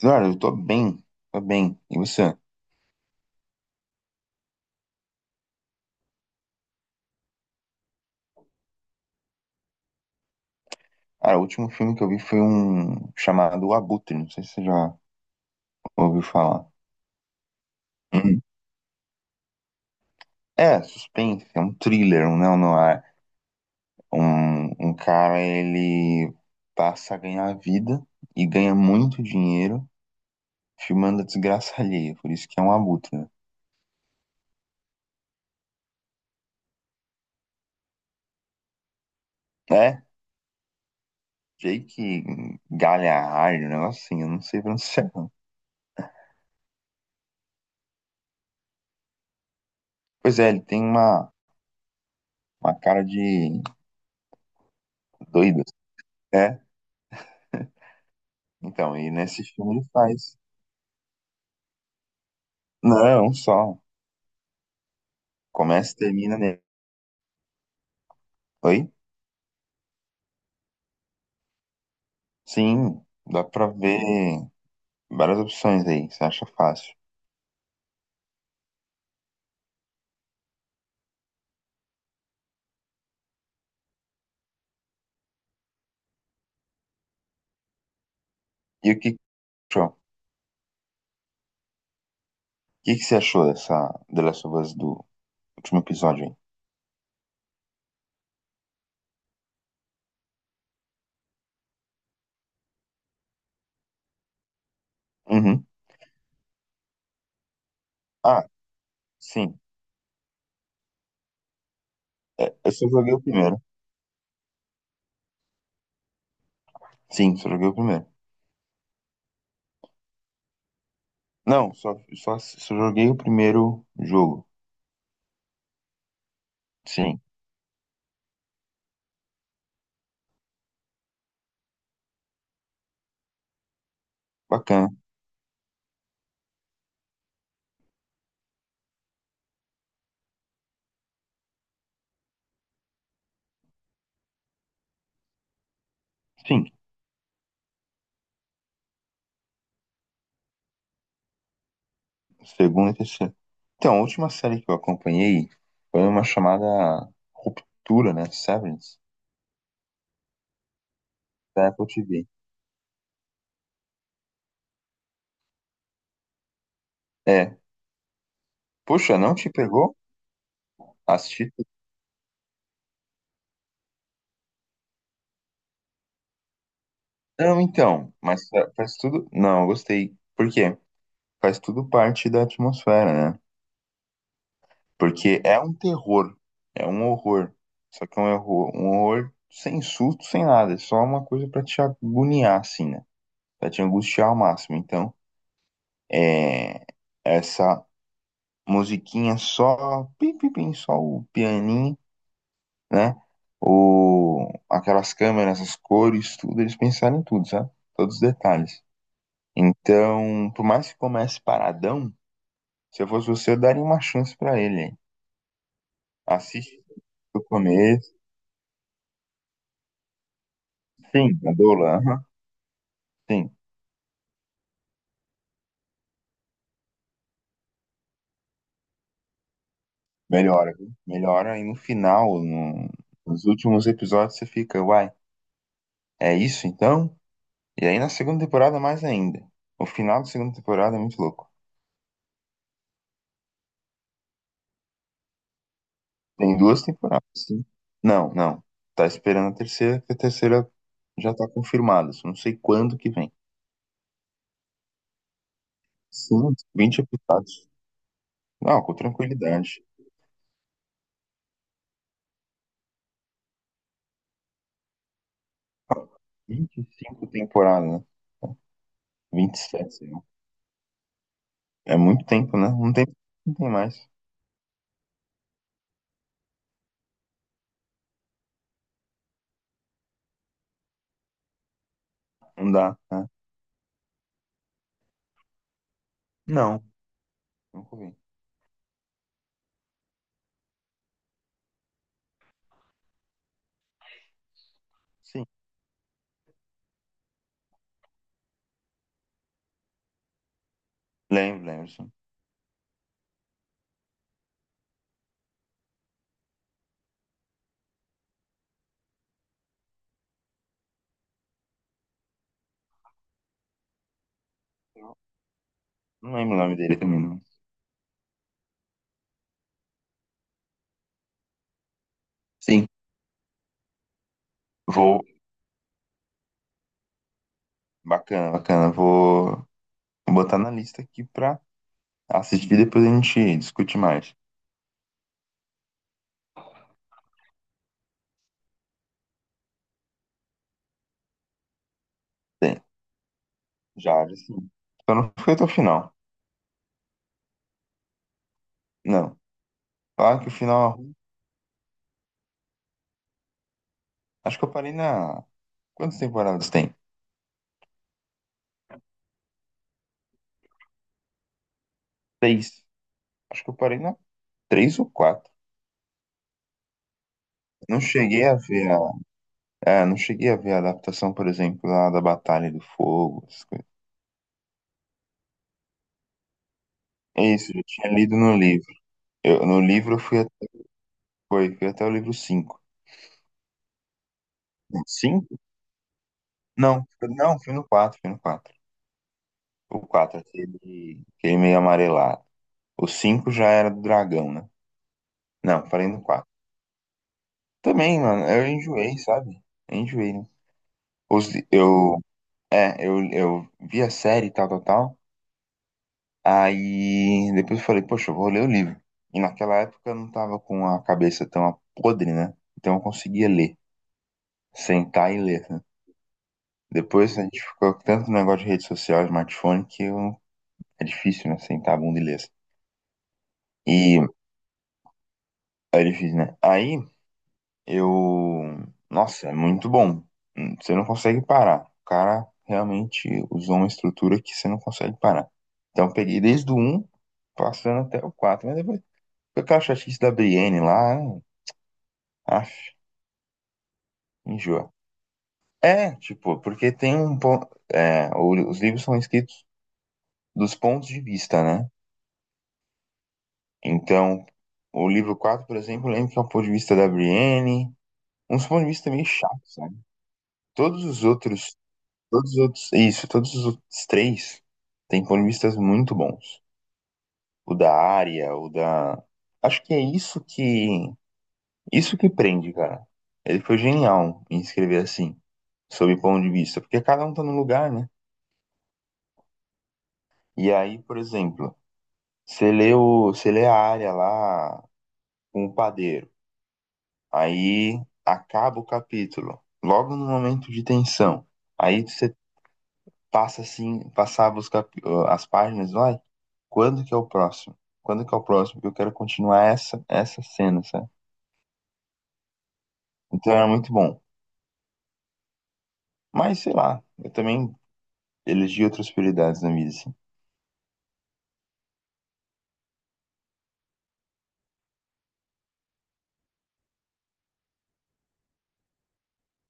Cara, eu tô bem, tô bem. E você? Cara, o último filme que eu vi foi um chamado O Abutre, não sei se você já ouviu falar. Uhum. É, suspense, é um thriller, um neo-noir. Um cara, ele passa a ganhar vida e ganha muito dinheiro filmando a desgraça alheia, por isso que é um abutre, né? É, Jake Gyllenhaal, um negócio assim, eu não sei pronunciar. Não. Pois é, ele tem uma cara de doido assim. É, então, e nesse filme ele faz. Não, só. Começa e termina nele. Oi? Sim, dá pra ver várias opções aí, você acha fácil. E o que que você achou? O que que você achou dessa The Last of Us do último episódio aí? Uhum. Ah, sim. É, eu só joguei o primeiro. Sim, só joguei o primeiro. Não, só joguei o primeiro jogo. Sim, bacana. Sim, segundo e terceiro. Então, a última série que eu acompanhei foi uma chamada Ruptura, né? Severance, da Apple TV. Puxa, não te pegou? Assisti. Não, então, mas faz tudo. Não, eu gostei. Por quê? Faz tudo parte da atmosfera, né? Porque é um terror, é um horror. Só que é um horror sem susto, sem nada. É só uma coisa pra te agoniar, assim, né? Pra te angustiar ao máximo. Então, é. Essa musiquinha só. Pim, pim, pim, só o pianinho, né? O... Aquelas câmeras, as cores, tudo. Eles pensaram em tudo, sabe? Todos os detalhes. Então, por mais que comece paradão, se eu fosse você, eu daria uma chance pra ele, hein? Assiste o começo. Sim, a Dola, aham. Sim, melhora, viu? Melhora. E no final, nos últimos episódios, você fica, uai, é isso então? E aí na segunda temporada, mais ainda. O final da segunda temporada é muito louco. Tem duas temporadas, sim. Não, não. Tá esperando a terceira, que a terceira já tá confirmada. Só não sei quando que vem. Sim, 20 episódios. Não, com tranquilidade. 25 temporadas, né? 27, sei lá. É muito tempo, né? Não tem, não tem mais. Não dá, né? Não, nunca vi. Sim, lembro, lembro, sim. Eu não lembro o nome dele também, não. Sim, vou. Bacana, bacana. Vou botar na lista aqui pra assistir, depois a gente discute mais. Tem, já, já sim. Só não foi até o final. Não. Claro que o final é. Acho que eu parei na. Quantas temporadas tem? Três. Acho que eu parei na três ou quatro. Não cheguei a ver. É, não cheguei a ver a adaptação, por exemplo, lá da Batalha do Fogo, essas coisas. É isso, eu tinha lido no livro. Eu, no livro eu fui, foi, fui até o livro cinco cinco Não, não, fui no 4 O 4 aquele, aquele meio amarelado. O 5 já era do dragão, né? Não, falei no quatro. Também, mano, eu enjoei, sabe? Eu enjoei, né? Os, é, eu vi a série e tal, tal, tal. Aí depois eu falei, poxa, eu vou ler o livro. E naquela época eu não tava com a cabeça tão podre, né? Então eu conseguia ler, sentar e ler, né? Depois a gente ficou com tanto negócio de rede social, smartphone, que eu... é difícil, né? Sentar a bunda e ler assim. E é difícil, né? Aí eu. Nossa, é muito bom. Você não consegue parar. O cara realmente usou uma estrutura que você não consegue parar. Então eu peguei desde o um, passando até o 4, mas depois. Foi aquela chatice da Brienne lá, né? Aff, enjoa. É, tipo, porque tem um ponto. É, os livros são escritos dos pontos de vista, né? Então, o livro 4, por exemplo, lembro que é o ponto de vista da Brienne. Uns pontos de vista meio chatos, sabe? Todos os outros. Todos os outros. Isso, todos os outros três têm pontos de vistas muito bons. O da Arya, o da. Acho que é isso que. Isso que prende, cara. Ele foi genial em escrever assim, sob ponto de vista. Porque cada um tá num lugar, né? E aí, por exemplo. Você lê o, você lê a área lá com o padeiro. Aí acaba o capítulo. Logo no momento de tensão. Aí você passa assim, passava os as páginas, vai. Quando que é o próximo? Quando que é o próximo? Porque eu quero continuar essa cena, sabe? Então era muito bom. Mas sei lá, eu também elegi outras prioridades na vida, assim.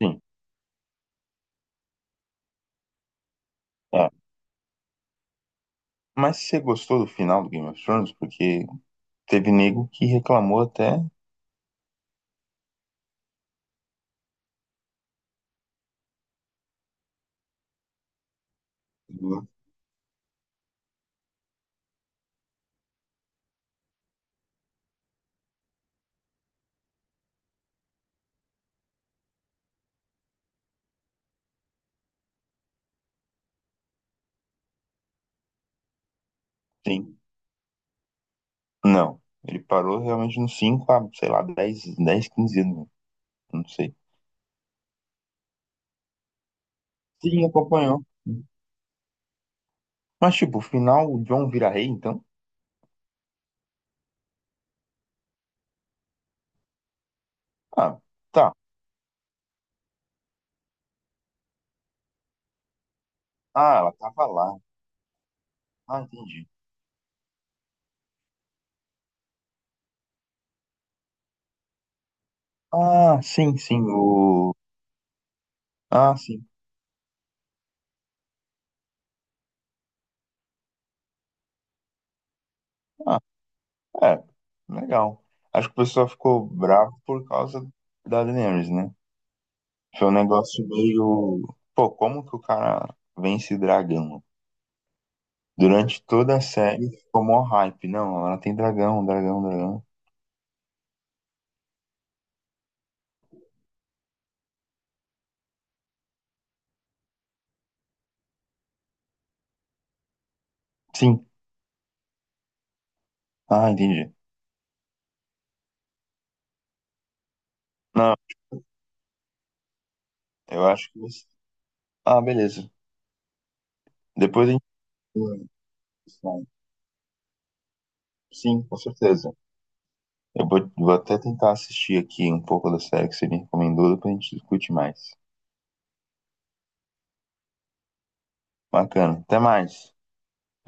Sim. É. Mas você gostou do final do Game of Thrones? Porque teve nego que reclamou até. Sim. Não, ele parou realmente nos 5 a, sei lá, dez, 15 anos, não sei. Sim, acompanhou. Mas, tipo, o final, o John vira rei, então? Ah, tá. Ah, ela tava lá. Ah, entendi. Ah, sim, sim, o... Ah, sim. Ah, é, legal. Acho que o pessoal ficou bravo por causa da Daenerys, né? Foi um negócio meio... Pô, como que o cara vence dragão? Durante toda a série ficou mó hype. Não, ela tem dragão, dragão, dragão. Sim, ah, entendi. Não, eu acho que você... Ah, beleza. Depois a gente... Sim, com certeza. Eu vou, até tentar assistir aqui um pouco da série que você me recomendou, depois a gente discute mais. Bacana. Até mais.